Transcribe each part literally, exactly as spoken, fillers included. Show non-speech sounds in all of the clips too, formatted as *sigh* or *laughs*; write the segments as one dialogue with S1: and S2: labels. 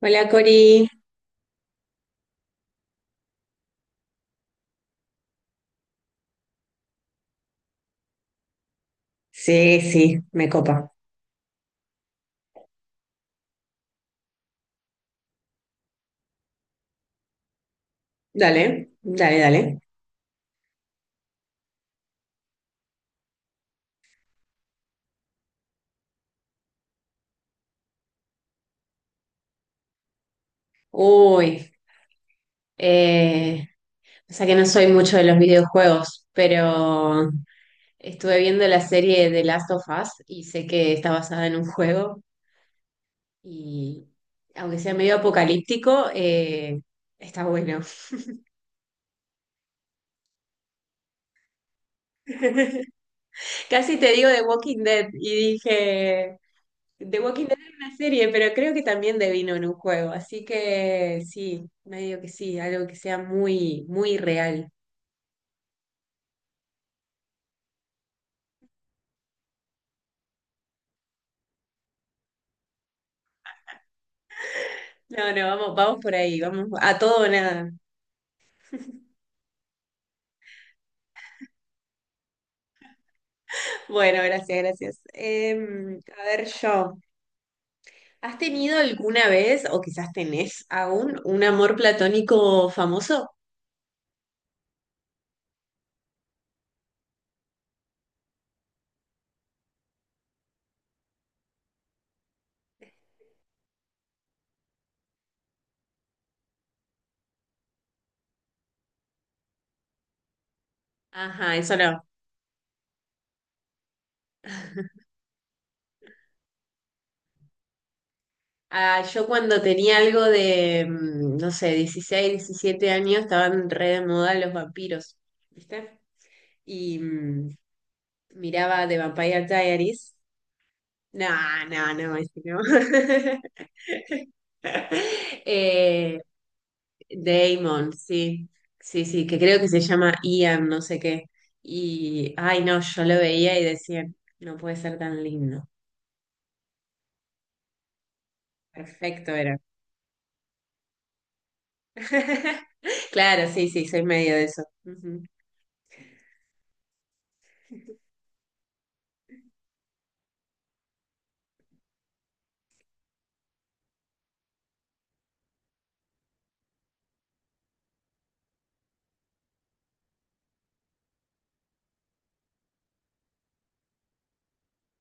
S1: Hola Cori. Sí, sí, me copa. Dale, dale, dale. Uy, eh, o sea que no soy mucho de los videojuegos, pero estuve viendo la serie de Last of Us y sé que está basada en un juego y aunque sea medio apocalíptico, eh, está bueno. *laughs* Casi te digo The Walking Dead y dije, The Walking Dead es una serie, pero creo que también devino en un juego, así que sí, medio que sí, algo que sea muy, muy real. No, no, vamos, vamos por ahí, vamos a todo o nada. Bueno, gracias, gracias. Em, a ver, yo, ¿has tenido alguna vez, o quizás tenés aún, un amor platónico famoso? Ajá, eso no. Ah, yo cuando tenía algo de, mm, no sé, dieciséis diecisiete años, estaban re de moda los vampiros, ¿viste? Y mm, miraba The Vampire Diaries. No, no, no, ese no. *laughs* Eh, Damon, sí, sí, sí, que creo que se llama Ian, no sé qué. Y, ay, no, yo lo veía y decía, no puede ser tan lindo. Perfecto era. *laughs* Claro, sí, sí, soy medio de eso. Ujú.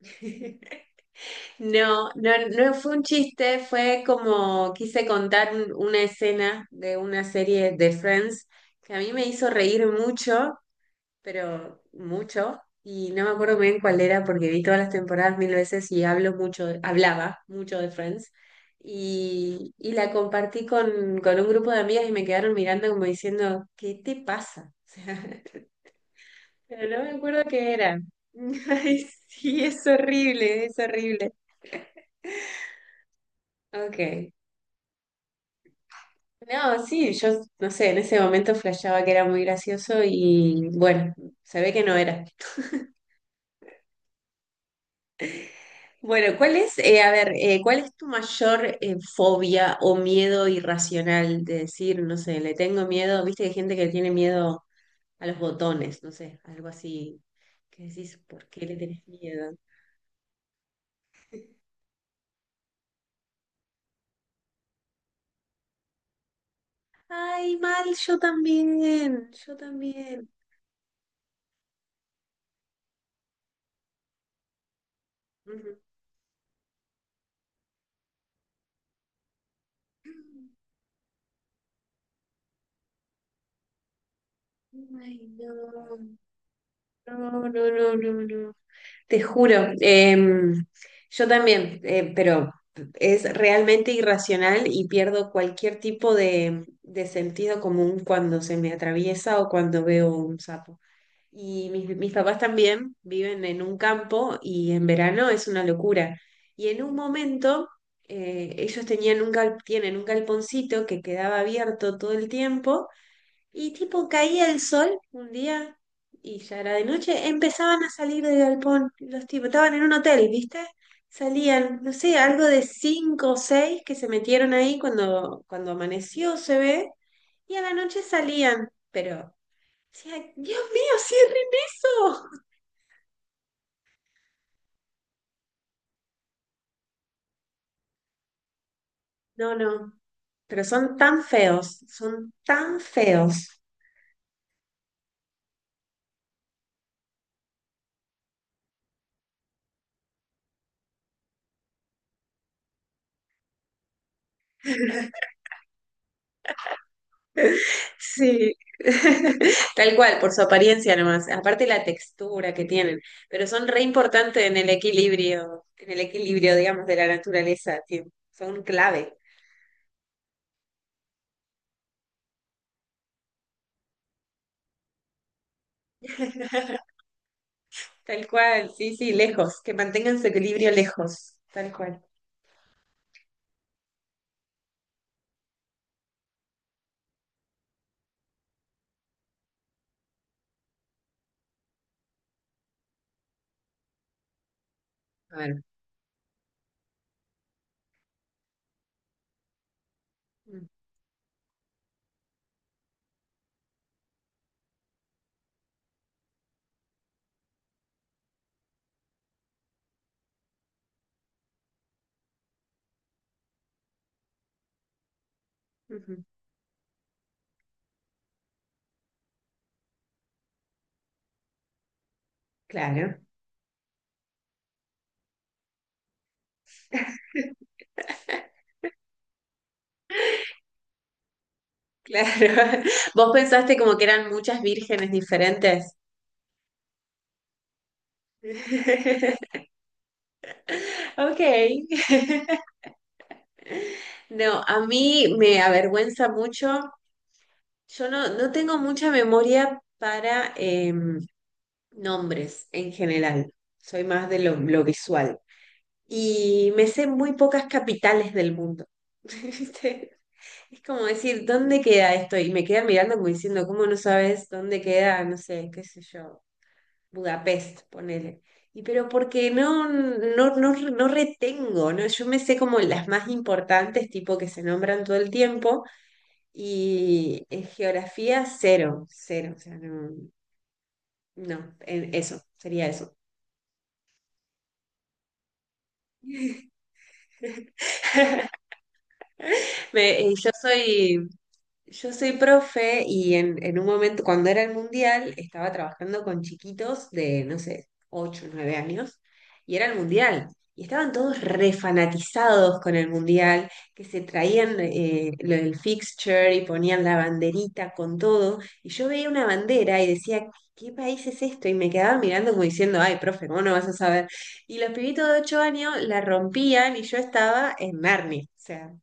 S1: *laughs* No, no, no fue un chiste, fue como quise contar un- una escena de una serie de Friends que a mí me hizo reír mucho, pero mucho, y no me acuerdo muy bien cuál era porque vi todas las temporadas mil veces y hablo mucho, hablaba mucho de Friends, y, y la compartí con, con un grupo de amigas y me quedaron mirando como diciendo, ¿qué te pasa? *laughs* O sea, pero no me acuerdo qué era. *laughs* Ay, sí, es horrible, es horrible. Ok. No, sí, yo no sé, en ese momento flasheaba que era muy gracioso y bueno, se ve que no era. Bueno, ¿cuál es, eh, a ver, eh, cuál es tu mayor eh, fobia o miedo irracional de decir, no sé, le tengo miedo, viste que hay gente que tiene miedo a los botones, no sé, algo así, que decís, ¿por qué le tenés miedo? Ay, mal, yo también, yo también. Ujú. Ay, no, no, no, no, no, no. Te juro, em, yo también, eh, pero es realmente irracional y pierdo cualquier tipo de, de sentido común cuando se me atraviesa o cuando veo un sapo. Y mis, mis papás también viven en un campo y en verano es una locura. Y en un momento eh, ellos tenían un gal- tienen un galponcito que quedaba abierto todo el tiempo y tipo caía el sol un día y ya era de noche, empezaban a salir del galpón los tipos, estaban en un hotel, ¿viste? Salían, no sé, algo de cinco o seis que se metieron ahí cuando, cuando amaneció, se ve, y a la noche salían, pero decía, Dios mío, cierren eso. No, no, pero son tan feos, son tan feos. *laughs* Sí, *laughs* tal cual, por su apariencia nomás, aparte la textura que tienen, pero son re importantes en el equilibrio, en el equilibrio, digamos, de la naturaleza, tien- son clave. *laughs* Tal cual, sí, sí, lejos, que mantengan su equilibrio lejos, tal cual. A ver. Mm. Ujú. Claro. Claro. *laughs* Vos pensaste como que eran muchas vírgenes diferentes. *laughs* Ok. No, a mí me avergüenza mucho. Yo no, no tengo mucha memoria para em, nombres en general. Soy más de lo, lo visual. Y me sé muy pocas capitales del mundo. *laughs* ¿Viste? Es como decir, ¿dónde queda esto? Y me quedan mirando como diciendo, ¿cómo no sabes dónde queda? No sé, qué sé yo. Budapest, ponele. Y pero porque no, no, no, no retengo, ¿no? Yo me sé como las más importantes, tipo que se nombran todo el tiempo, y en geografía cero, cero, o sea, no, no, en- eso, sería eso. Me- eh, yo soy Yo soy profe y en, en un momento, cuando era el mundial, estaba trabajando con chiquitos de, no sé, ocho nueve años, y era el mundial. Y estaban todos refanatizados con el mundial, que se traían eh, lo del fixture y ponían la banderita con todo. Y yo veía una bandera y decía, ¿qué país es esto? Y me quedaba mirando como diciendo, ay, profe, ¿cómo no vas a saber? Y los pibitos de ocho años la rompían y yo estaba en Narnia. O sea,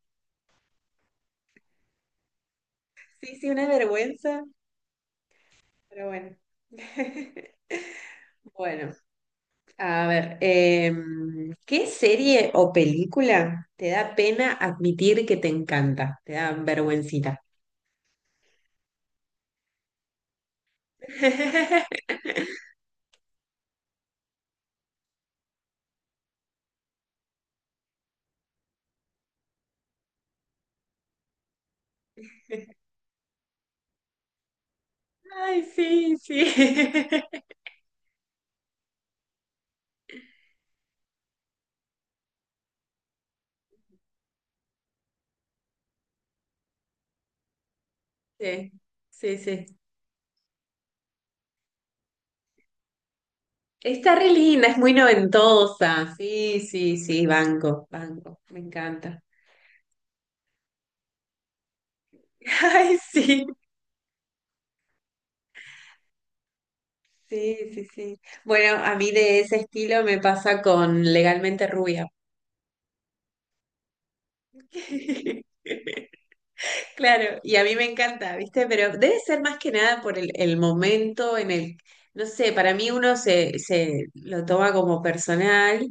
S1: sí, sí, una vergüenza. Pero bueno. *laughs* Bueno, a ver, em, ¿qué serie o película te da pena admitir que te encanta? Te da vergüencita. *laughs* Ay, sí, sí. *laughs* Sí, sí, sí. Está re linda, es muy noventosa. Sí, sí, sí, banco, banco, me encanta. *laughs* Ay, sí. Sí, sí, sí. Bueno, a mí de ese estilo me pasa con Legalmente Rubia. *laughs* Claro, y a mí me encanta, ¿viste? Pero debe ser más que nada por el, el momento en el, no sé, para mí uno se, se lo toma como personal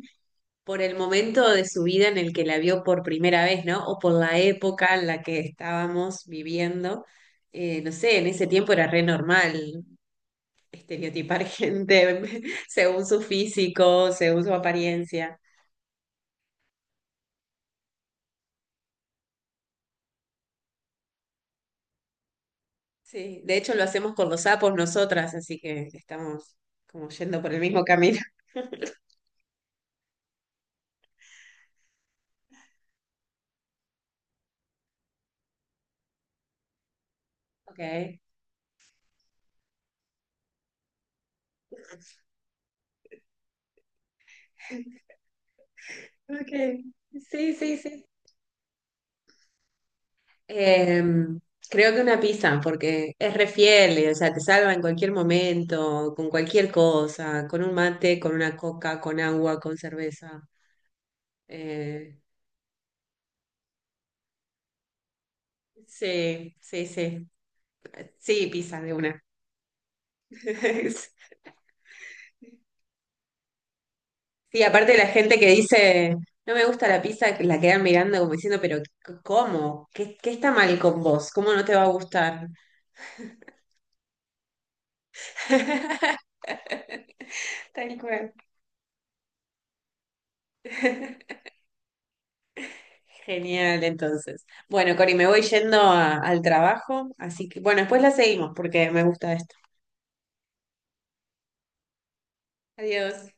S1: por el momento de su vida en el que la vio por primera vez, ¿no? O por la época en la que estábamos viviendo. Eh, no sé, en ese tiempo era re normal estereotipar gente *laughs* según su físico, según su apariencia. Sí, de hecho lo hacemos con los sapos nosotras, así que estamos como yendo por el mismo camino. *laughs* Ok. Okay. Sí, sí, sí. Em, Creo que una pizza, porque es re fiel, eh, o sea, te salva en cualquier momento, con cualquier cosa, con un mate, con una coca, con agua, con cerveza. Eh, sí, sí, sí. Sí, pizza de una. *laughs* Es- Sí, aparte la gente que dice, no me gusta la pizza, que la quedan mirando como diciendo, pero c- ¿cómo? ¿Qué, qué está mal con vos? ¿Cómo no te va a gustar? *laughs* Tal cual. Genial, entonces. Bueno, Cori, me voy yendo a- al trabajo, así que bueno, después la seguimos porque me gusta esto. Adiós.